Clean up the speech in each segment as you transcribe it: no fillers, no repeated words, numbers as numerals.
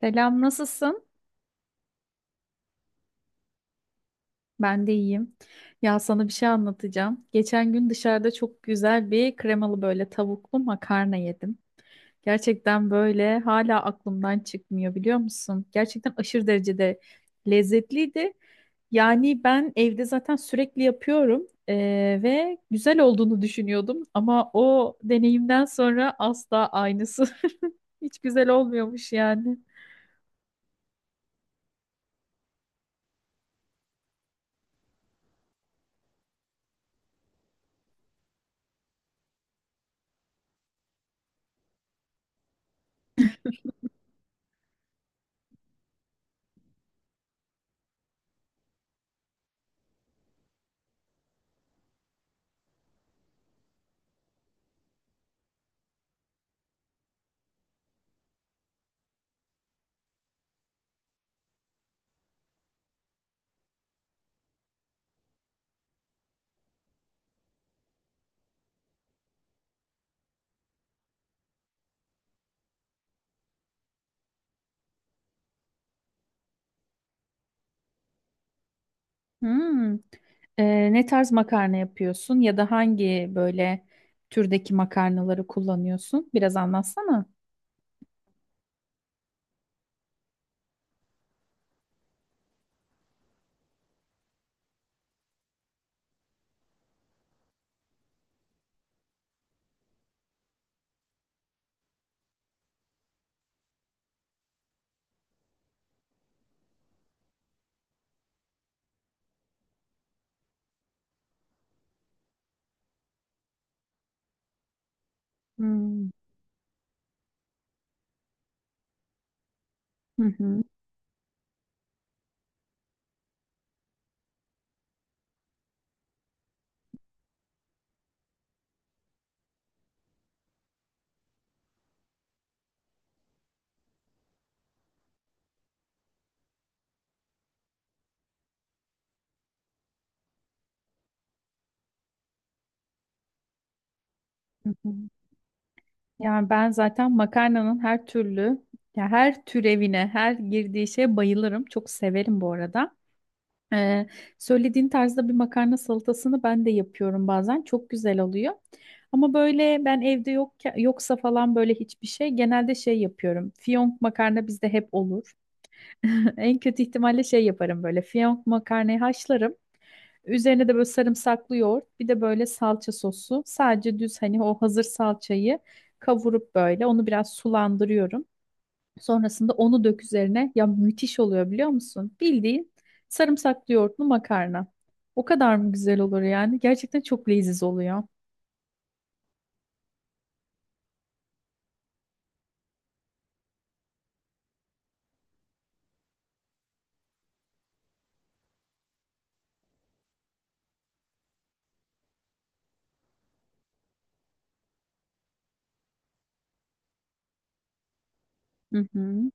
Selam, nasılsın? Ben de iyiyim. Ya sana bir şey anlatacağım. Geçen gün dışarıda çok güzel bir kremalı böyle tavuklu makarna yedim. Gerçekten böyle hala aklımdan çıkmıyor biliyor musun? Gerçekten aşırı derecede lezzetliydi. Yani ben evde zaten sürekli yapıyorum ve güzel olduğunu düşünüyordum ama o deneyimden sonra asla aynısı. Hiç güzel olmuyormuş yani. Hmm. Ne tarz makarna yapıyorsun ya da hangi böyle türdeki makarnaları kullanıyorsun? Biraz anlatsana. Hmm. Hı hı, hı hı. Yani ben zaten makarnanın her türlü, ya her türevine, her girdiği şeye bayılırım. Çok severim bu arada. Ee, Söylediğin tarzda bir makarna salatasını ben de yapıyorum bazen. Çok güzel oluyor. Ama böyle ben evde yok yoksa falan böyle hiçbir şey genelde şey yapıyorum. Fiyonk makarna bizde hep olur. En kötü ihtimalle şey yaparım böyle. Fiyonk makarnayı haşlarım. Üzerine de böyle sarımsaklı yoğurt, bir de böyle salça sosu. Sadece düz hani o hazır salçayı kavurup böyle onu biraz sulandırıyorum. Sonrasında onu dök üzerine. Ya müthiş oluyor biliyor musun? Bildiğin sarımsaklı yoğurtlu makarna. O kadar mı güzel olur yani? Gerçekten çok leziz oluyor. Hı hı.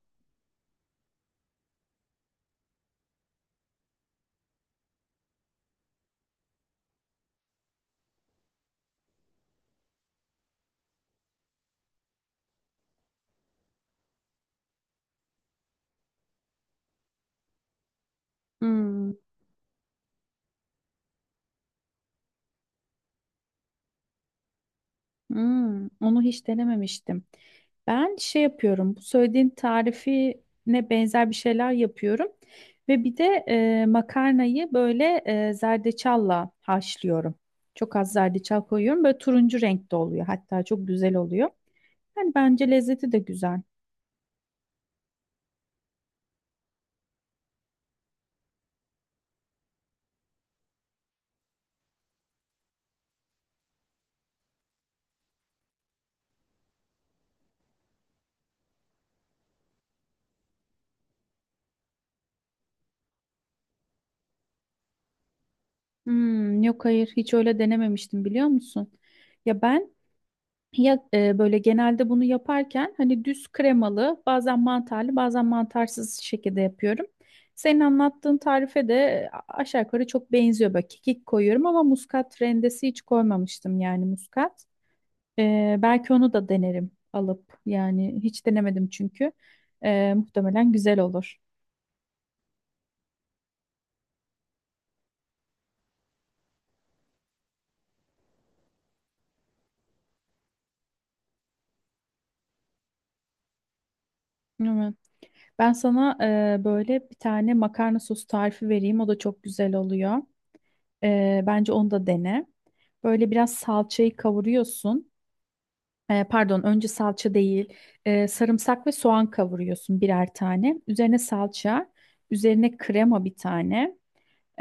Hmm. Hmm, onu hiç denememiştim. Ben şey yapıyorum. Bu söylediğin tarifine benzer bir şeyler yapıyorum. Ve bir de makarnayı böyle zerdeçalla haşlıyorum. Çok az zerdeçal koyuyorum. Böyle turuncu renkte oluyor. Hatta çok güzel oluyor. Yani bence lezzeti de güzel. Hmm, yok hayır hiç öyle denememiştim biliyor musun? Ya ben Ya e, böyle genelde bunu yaparken hani düz kremalı, bazen mantarlı, bazen mantarsız şekilde yapıyorum. Senin anlattığın tarife de aşağı yukarı çok benziyor. Böyle kekik koyuyorum ama muskat rendesi hiç koymamıştım yani muskat. Belki onu da denerim alıp yani hiç denemedim çünkü. Muhtemelen güzel olur. Evet. Ben sana böyle bir tane makarna sosu tarifi vereyim. O da çok güzel oluyor. Bence onu da dene. Böyle biraz salçayı kavuruyorsun. Pardon, önce salça değil, sarımsak ve soğan kavuruyorsun birer tane. Üzerine salça, üzerine krema bir tane.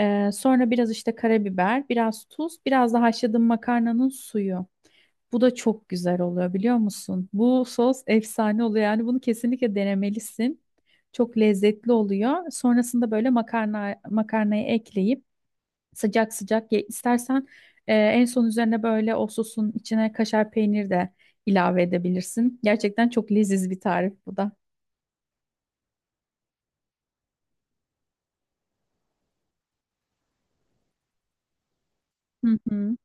Sonra biraz işte karabiber, biraz tuz, biraz da haşladığın makarnanın suyu. Bu da çok güzel oluyor biliyor musun? Bu sos efsane oluyor. Yani bunu kesinlikle denemelisin. Çok lezzetli oluyor. Sonrasında böyle makarnayı ekleyip sıcak sıcak ye istersen, en son üzerine böyle o sosun içine kaşar peynir de ilave edebilirsin. Gerçekten çok leziz bir tarif bu da. Hı hı.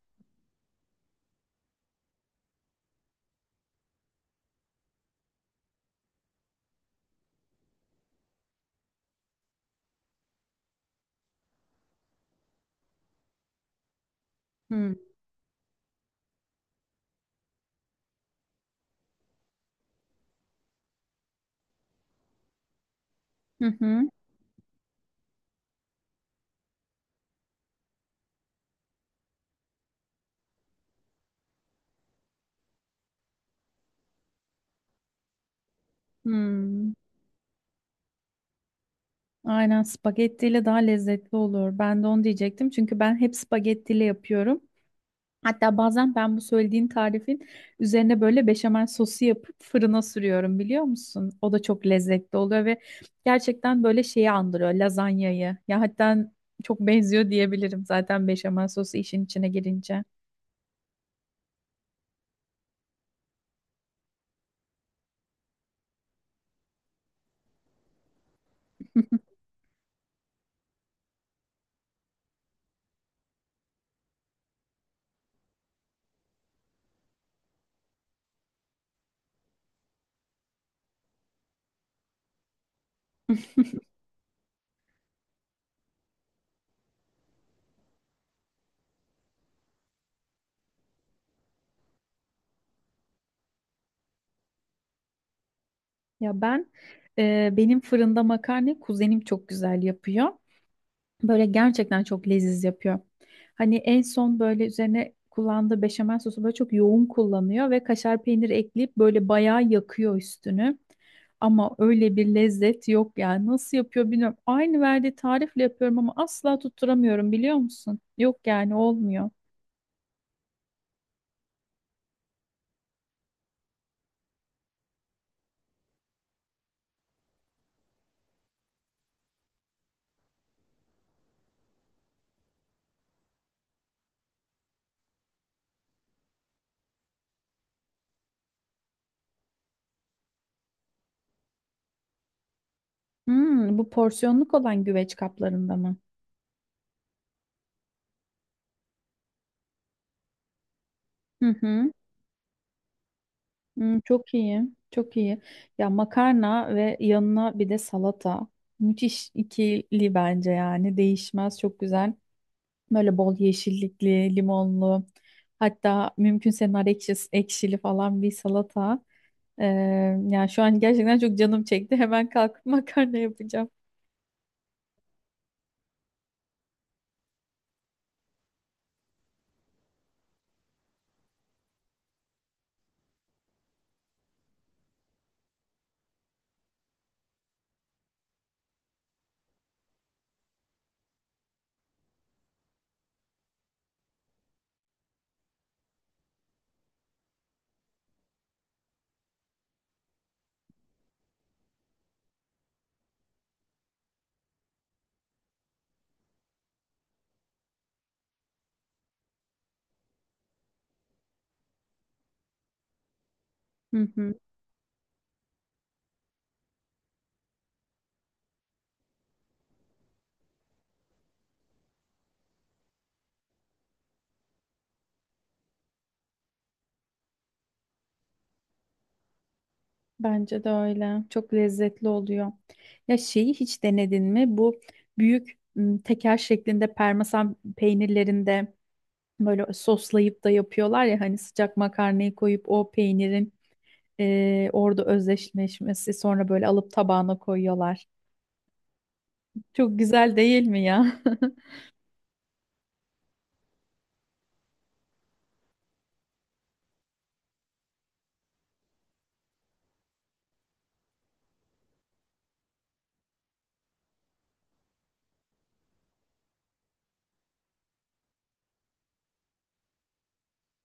Hı hı. Hı, hı. Aynen spagettiyle daha lezzetli olur. Ben de onu diyecektim. Çünkü ben hep spagettiyle yapıyorum. Hatta bazen ben bu söylediğin tarifin üzerine böyle beşamel sosu yapıp fırına sürüyorum biliyor musun? O da çok lezzetli oluyor ve gerçekten böyle şeyi andırıyor lazanyayı. Ya hatta çok benziyor diyebilirim zaten beşamel sosu işin içine girince. Ya benim fırında makarna kuzenim çok güzel yapıyor. Böyle gerçekten çok leziz yapıyor. Hani en son böyle üzerine kullandığı beşamel sosu böyle çok yoğun kullanıyor ve kaşar peyniri ekleyip böyle bayağı yakıyor üstünü. Ama öyle bir lezzet yok yani. Nasıl yapıyor bilmiyorum. Aynı verdiği tarifle yapıyorum ama asla tutturamıyorum biliyor musun? Yok yani olmuyor. Hmm, bu porsiyonluk olan güveç kaplarında mı? Hı hı. Hmm, çok iyi, çok iyi. Ya makarna ve yanına bir de salata. Müthiş ikili bence yani. Değişmez, çok güzel. Böyle bol yeşillikli, limonlu. Hatta mümkünse nar ekşisi, ekşili falan bir salata. Ee, Yani şu an gerçekten çok canım çekti. Hemen kalkıp makarna yapacağım. Hı hı, bence de öyle. Çok lezzetli oluyor. Ya şeyi hiç denedin mi? Bu büyük teker şeklinde parmesan peynirlerinde böyle soslayıp da yapıyorlar ya hani sıcak makarnayı koyup o peynirin orada özdeşleşmesi sonra böyle alıp tabağına koyuyorlar. Çok güzel değil mi ya?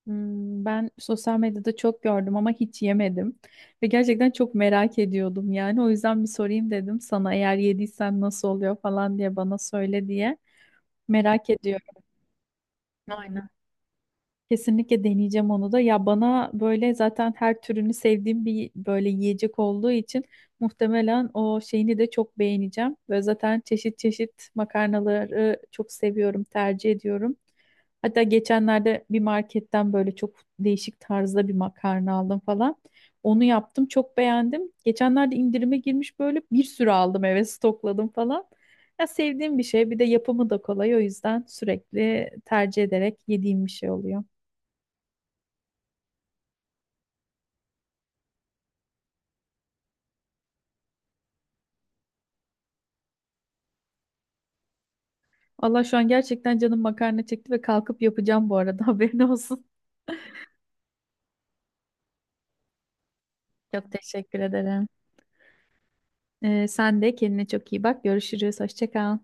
Hmm, ben sosyal medyada çok gördüm ama hiç yemedim ve gerçekten çok merak ediyordum yani o yüzden bir sorayım dedim sana eğer yediysen nasıl oluyor falan diye bana söyle diye merak ediyorum. Aynen. Kesinlikle deneyeceğim onu da. Ya bana böyle zaten her türünü sevdiğim bir böyle yiyecek olduğu için muhtemelen o şeyini de çok beğeneceğim. Ve zaten çeşit çeşit makarnaları çok seviyorum, tercih ediyorum. Hatta geçenlerde bir marketten böyle çok değişik tarzda bir makarna aldım falan. Onu yaptım, çok beğendim. Geçenlerde indirime girmiş böyle bir sürü aldım eve stokladım falan. Ya sevdiğim bir şey, bir de yapımı da kolay o yüzden sürekli tercih ederek yediğim bir şey oluyor. Allah şu an gerçekten canım makarna çekti ve kalkıp yapacağım bu arada haberin olsun. Çok teşekkür ederim. Sen de kendine çok iyi bak. Görüşürüz. Hoşça kal.